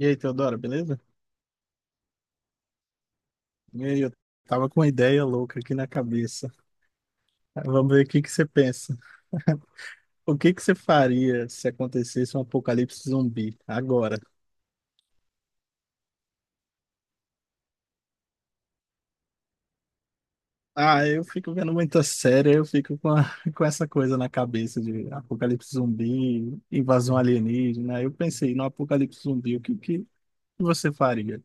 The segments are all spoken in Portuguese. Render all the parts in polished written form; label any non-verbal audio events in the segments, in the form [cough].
E aí, Teodoro, beleza? E aí, eu tava com uma ideia louca aqui na cabeça. Vamos ver o que que você pensa. [laughs] O que que você faria se acontecesse um apocalipse zumbi agora? Ah, eu fico vendo muita série, eu fico com, [laughs] com essa coisa na cabeça de apocalipse zumbi, invasão alienígena. Eu pensei no apocalipse zumbi, o que que você faria?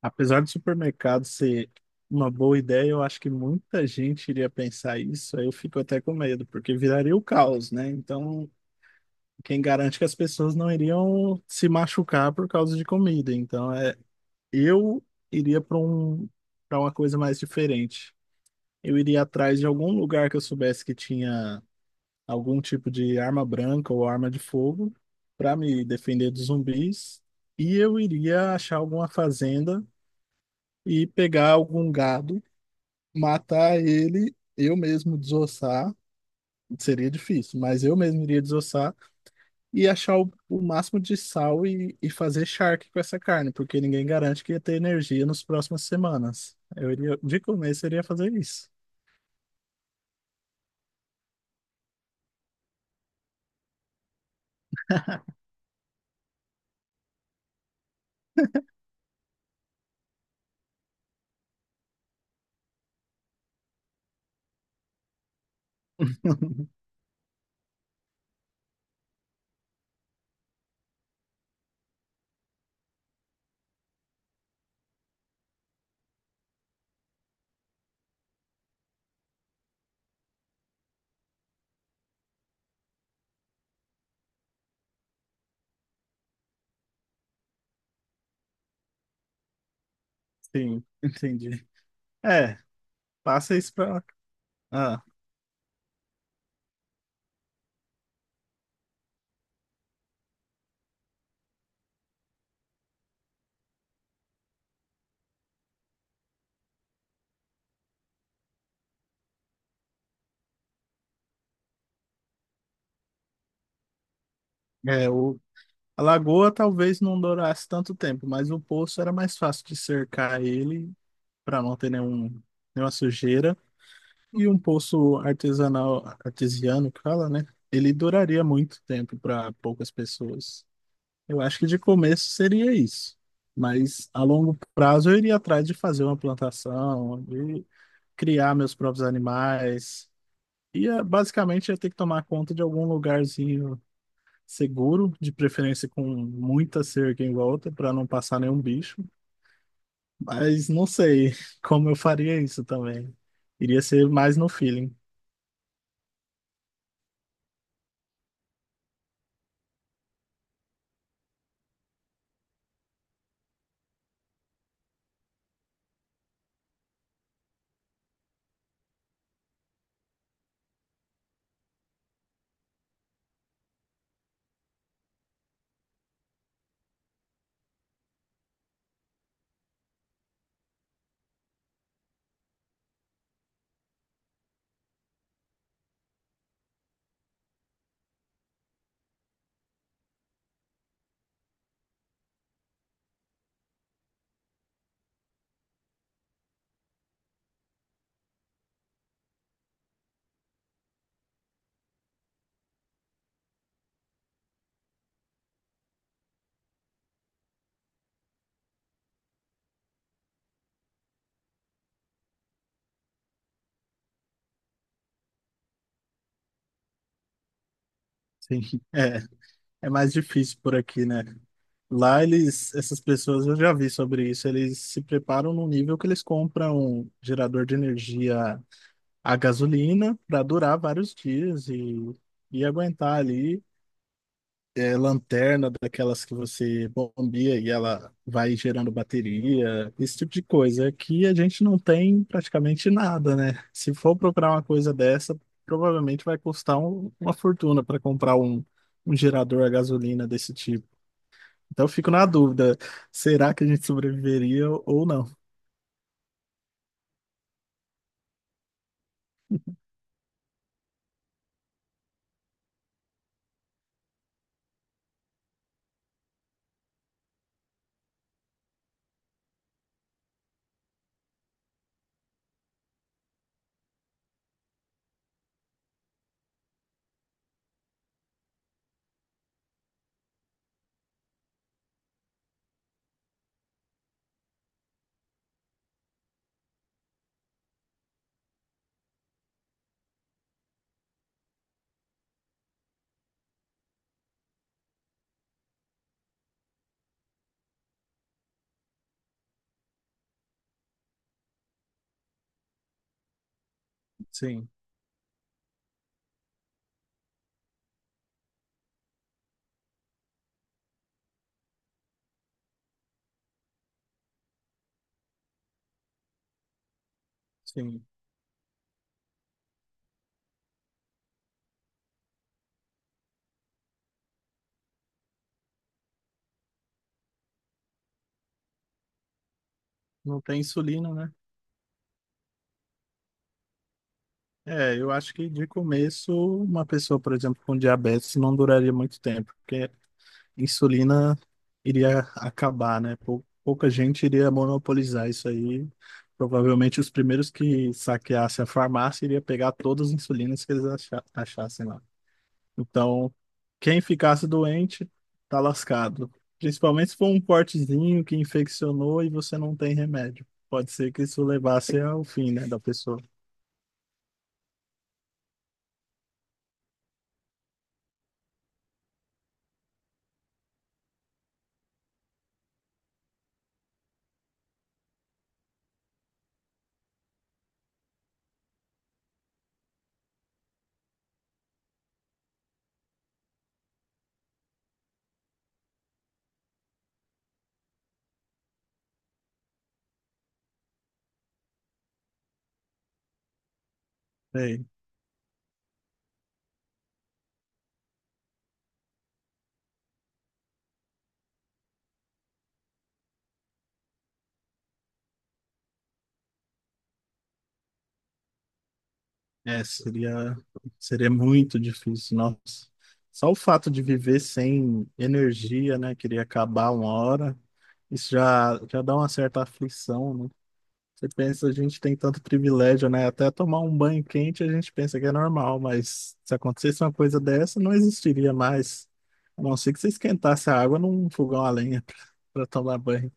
Apesar do supermercado ser uma boa ideia, eu acho que muita gente iria pensar isso. Aí eu fico até com medo, porque viraria o caos, né? Então, quem garante que as pessoas não iriam se machucar por causa de comida? Então, eu iria para um, para uma coisa mais diferente. Eu iria atrás de algum lugar que eu soubesse que tinha algum tipo de arma branca ou arma de fogo para me defender dos zumbis. E eu iria achar alguma fazenda e pegar algum gado. Matar ele, eu mesmo desossar, seria difícil, mas eu mesmo iria desossar e achar o máximo de sal e fazer charque com essa carne, porque ninguém garante que ia ter energia nas próximas semanas. Eu iria, de começo, eu iria fazer isso. [laughs] Sim, entendi. É, passa isso pra. Ah, é, a lagoa talvez não durasse tanto tempo, mas o poço era mais fácil de cercar ele para não ter nenhum, nenhuma sujeira. E um poço artesanal, artesiano, que fala, né? Ele duraria muito tempo para poucas pessoas. Eu acho que de começo seria isso. Mas a longo prazo eu iria atrás de fazer uma plantação, de criar meus próprios animais. E basicamente ia ter que tomar conta de algum lugarzinho seguro, de preferência com muita cerca em volta, para não passar nenhum bicho. Mas não sei [laughs] como eu faria isso também. Iria ser mais no feeling. Sim. [laughs] É. É mais difícil por aqui, né? Lá eles, essas pessoas, eu já vi sobre isso, eles se preparam num nível que eles compram um gerador de energia a gasolina para durar vários dias e aguentar ali. É, lanterna daquelas que você bombia e ela vai gerando bateria, esse tipo de coisa. Aqui a gente não tem praticamente nada, né? Se for procurar uma coisa dessa, provavelmente vai custar uma fortuna para comprar um, um gerador a gasolina desse tipo. Então eu fico na dúvida, será que a gente sobreviveria ou não? Sim, sim. Não tem insulina, né? É, eu acho que de começo, uma pessoa, por exemplo, com diabetes não duraria muito tempo, porque insulina iria acabar, né? Pouca gente iria monopolizar isso aí. Provavelmente os primeiros que saqueassem a farmácia iria pegar todas as insulinas que eles achassem lá. Então, quem ficasse doente, tá lascado. Principalmente se for um cortezinho que infeccionou e você não tem remédio. Pode ser que isso levasse ao fim, né, da pessoa. Sei. É, seria, seria muito difícil, nossa. Só o fato de viver sem energia, né, queria acabar uma hora, isso já dá uma certa aflição, né? Você pensa, a gente tem tanto privilégio, né? Até tomar um banho quente a gente pensa que é normal, mas se acontecesse uma coisa dessa, não existiria mais. A não ser que você esquentasse a água num fogão a lenha [laughs] para tomar banho.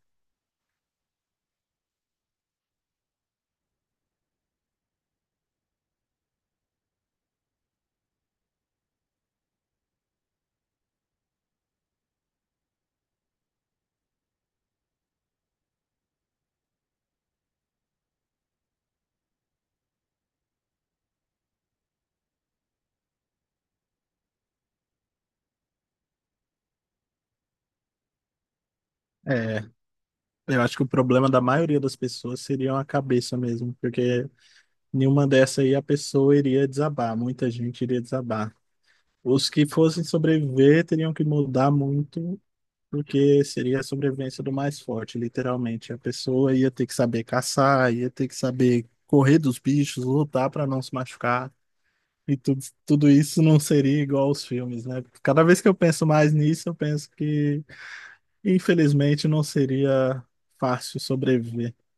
É, eu acho que o problema da maioria das pessoas seria a cabeça mesmo, porque nenhuma dessa aí a pessoa iria desabar, muita gente iria desabar. Os que fossem sobreviver teriam que mudar muito. Porque seria a sobrevivência do mais forte, literalmente. A pessoa ia ter que saber caçar, ia ter que saber correr dos bichos, lutar para não se machucar. E tudo isso não seria igual aos filmes, né? Cada vez que eu penso mais nisso, eu penso que, infelizmente, não seria fácil sobreviver. [laughs]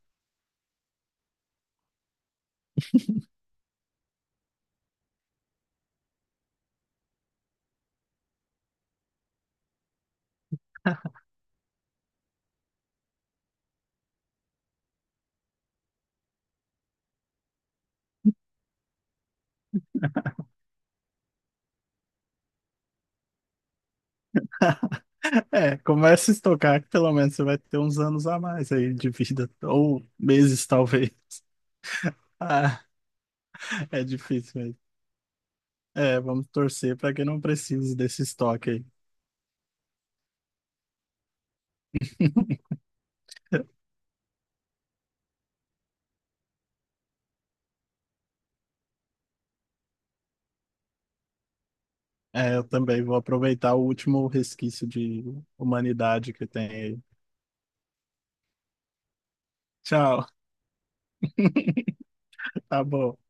É, começa a estocar que pelo menos você vai ter uns anos a mais aí de vida, ou meses [laughs] talvez. Ah, é difícil mesmo. É, vamos torcer para que não precise desse estoque aí. [laughs] É, eu também vou aproveitar o último resquício de humanidade que tem aí. Tchau, [laughs] tá bom.